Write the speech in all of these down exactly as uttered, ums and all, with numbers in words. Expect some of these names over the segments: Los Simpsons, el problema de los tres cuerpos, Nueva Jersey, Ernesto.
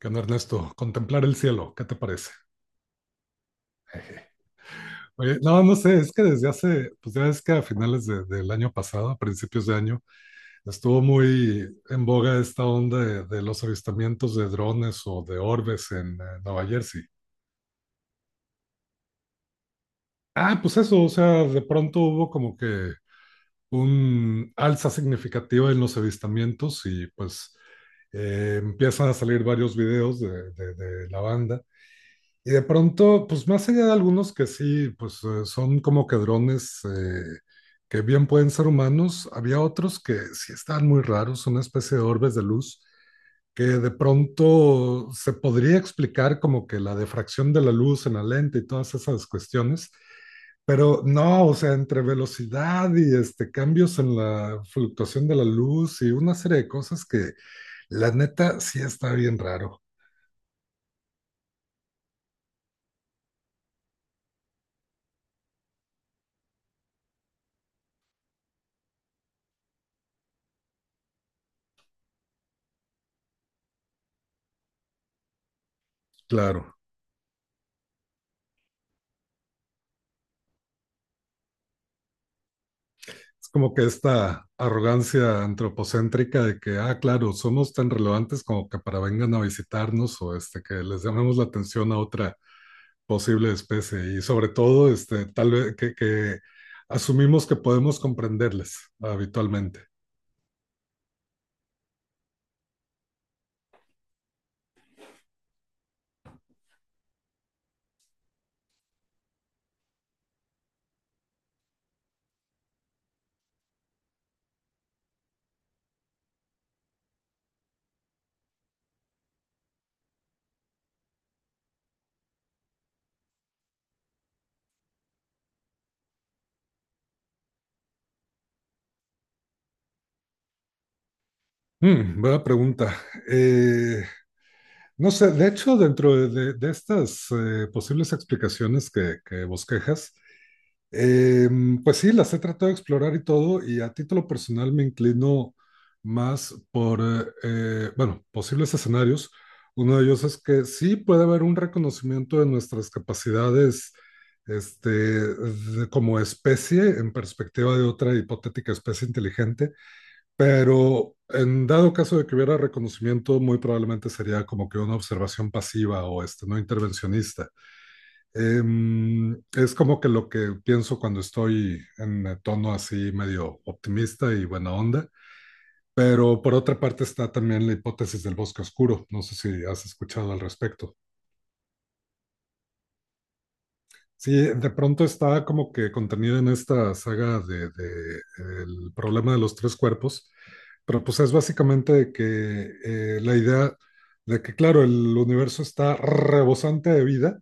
¿Qué onda, Ernesto? Contemplar el cielo, ¿qué te parece? Oye, no, no sé, es que desde hace, pues ya es que a finales de- del año pasado, a principios de año, estuvo muy en boga esta onda de, de los avistamientos de drones o de orbes en eh, Nueva Jersey. Ah, pues eso, o sea, de pronto hubo como que un alza significativa en los avistamientos y pues eh, empiezan a salir varios videos de, de- de la banda. Y de pronto, pues más allá de algunos que sí, pues eh, son como que drones eh, que bien pueden ser humanos, había otros que sí estaban muy raros, una especie de orbes de luz, que de pronto se podría explicar como que la difracción de la luz en la lente y todas esas cuestiones, pero no, o sea, entre velocidad y este, cambios en la fluctuación de la luz y una serie de cosas que la neta sí está bien raro, claro. Es como que esta arrogancia antropocéntrica de que, ah, claro, somos tan relevantes como que para vengan a visitarnos o este, que les llamemos la atención a otra posible especie y sobre todo, este, tal vez que, que asumimos que podemos comprenderles habitualmente. Mm, buena pregunta. Eh, no sé, de hecho, dentro de, de- de estas eh, posibles explicaciones que, que bosquejas. Em, pues sí, las he tratado de explorar y todo, y a título personal me inclino más por, eh, eh, bueno, posibles escenarios. Uno de ellos es que sí puede haber un reconocimiento de nuestras capacidades, este, de- como especie en perspectiva de otra hipotética especie inteligente, pero en dado caso de que hubiera reconocimiento, muy probablemente sería como que una observación pasiva o este, no intervencionista. Em, es como que lo que pienso cuando estoy en eh, tono así medio optimista y buena onda. Pero por otra parte está también la hipótesis del bosque oscuro. No sé si has escuchado al respecto. Sí, de pronto está como que contenida en esta saga de, de, eh, el problema de los tres cuerpos. Pero pues es básicamente que eh, la idea de que, claro, el universo está rebosante de vida,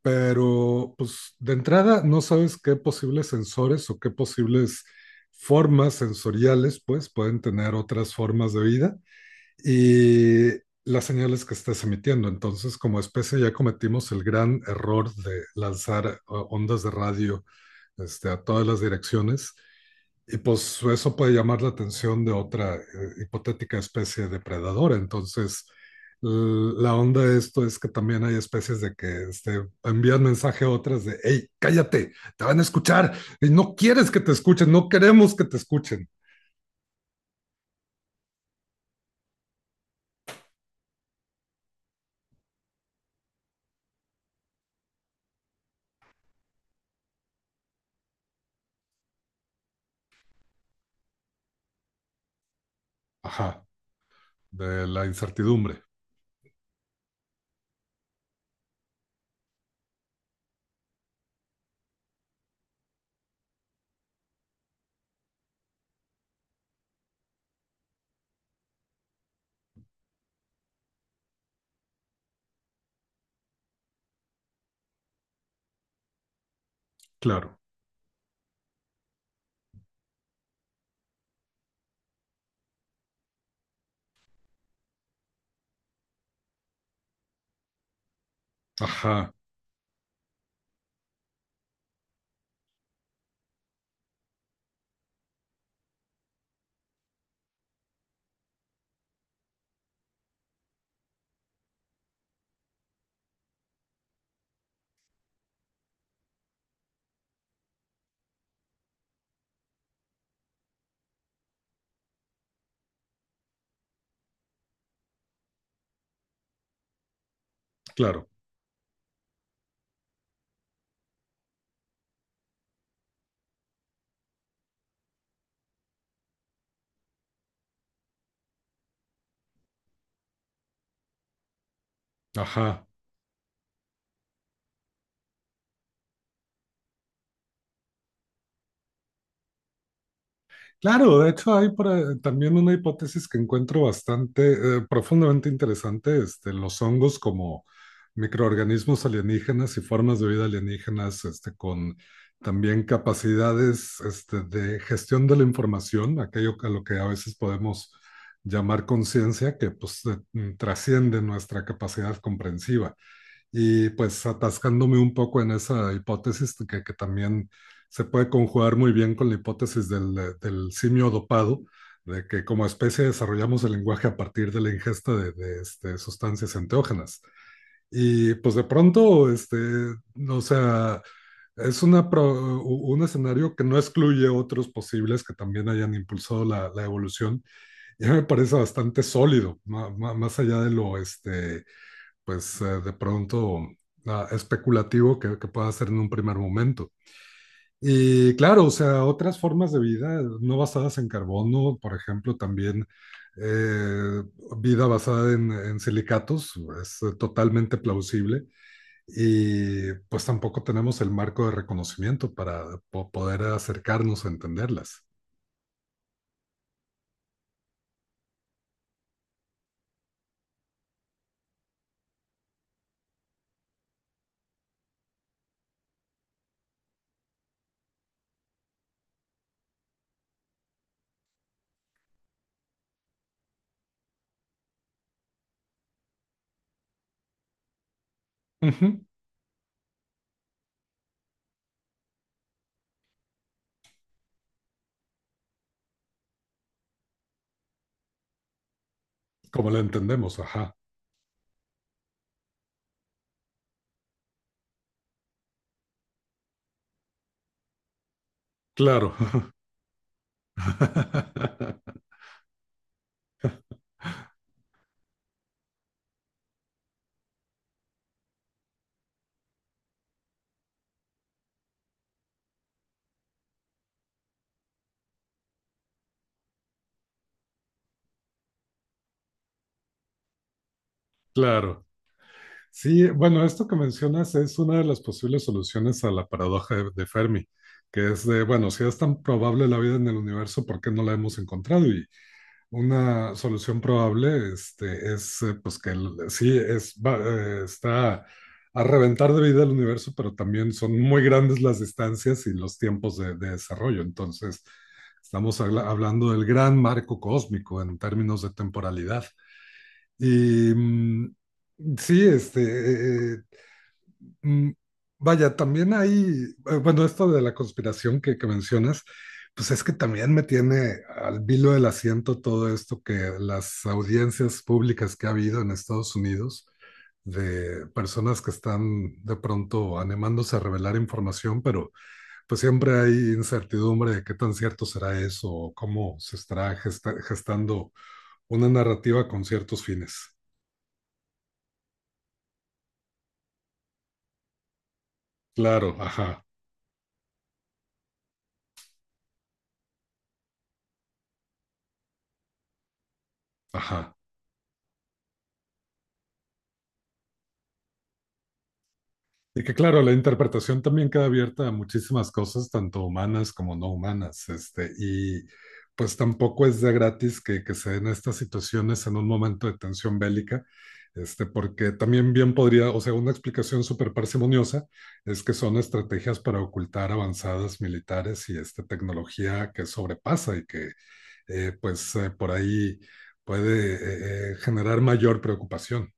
pero pues de entrada no sabes qué posibles sensores o qué posibles formas sensoriales pues pueden tener otras formas de vida y las señales que estás emitiendo. Entonces, como especie ya cometimos el gran error de lanzar eh, ondas de radio este, a todas las direcciones y pues eso puede llamar la atención de otra eh, hipotética especie depredadora. Entonces, l- la onda de esto es que también hay especies de que este, envían mensaje a otras de, hey, cállate, te van a escuchar, y no quieres que te escuchen, no queremos que te escuchen. Ajá, de la incertidumbre, claro. Ajá, claro. Ajá. Claro, de hecho hay por ahí también una hipótesis que encuentro bastante, eh, profundamente interesante, este, los hongos como microorganismos alienígenas y formas de vida alienígenas, este, con también capacidades, este, de gestión de la información, aquello a lo que a veces podemos llamar conciencia, que pues eh, trasciende nuestra capacidad comprensiva. Y pues atascándome un poco en esa hipótesis que, que también se puede conjugar muy bien con la hipótesis del, eh, del simio dopado, de que como especie desarrollamos el lenguaje a partir de la ingesta de, de, este, sustancias enteógenas. Y pues de pronto, este, o sea, es una pro- un escenario que no excluye otros posibles que también hayan impulsado la, la evolución. Ya me parece bastante sólido, ma- ma- más allá de lo, este, pues eh, de pronto ah, especulativo que, que pueda hacer en un primer momento. Y claro, o sea, otras formas de vida no basadas en carbono, por ejemplo, también eh, vida basada en, en silicatos es eh, totalmente plausible y pues tampoco tenemos el marco de reconocimiento para po- poder acercarnos a entenderlas. Ujú. Como la entendemos, ajá. Claro. Claro. Sí, bueno, esto que mencionas es una de las posibles soluciones a la paradoja de, de Fermi, que es de, bueno, si es tan probable la vida en el universo, ¿por qué no la hemos encontrado? Y una solución probable este, es, eh, pues, que el- sí, es, va- eh, está a reventar de vida el universo, pero también son muy grandes las distancias y los tiempos de, de desarrollo. Entonces, estamos habla- hablando del gran marco cósmico en términos de temporalidad. Y... mm, sí, este, eh, eh, Mm, vaya, también hay, eh, bueno, esto de la conspiración que, que mencionas, pues es que también me tiene al vilo del asiento todo esto que las audiencias públicas que ha habido en Estados Unidos de personas que están de pronto animándose a revelar información, pero pues siempre hay incertidumbre de qué tan cierto será eso o cómo se estará gesta- gestando una narrativa con ciertos fines. Claro, ajá, ajá. Y que claro, la interpretación también queda abierta a muchísimas cosas, tanto humanas como no humanas, este, y pues tampoco es de gratis que, que se den estas situaciones en un momento de tensión bélica, este, porque también bien podría, o sea, una explicación súper parsimoniosa es que son estrategias para ocultar avanzadas militares y este, tecnología que sobrepasa y que eh, pues eh, por ahí puede eh, eh, generar mayor preocupación.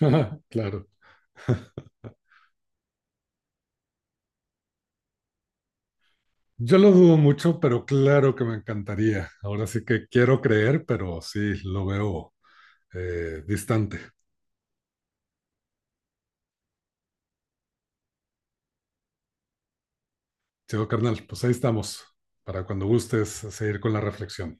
Claro. Yo lo dudo mucho, pero claro que me encantaría. Ahora sí que quiero creer, pero sí, lo veo eh, distante. Chido, carnal, pues ahí estamos, para cuando gustes seguir con la reflexión.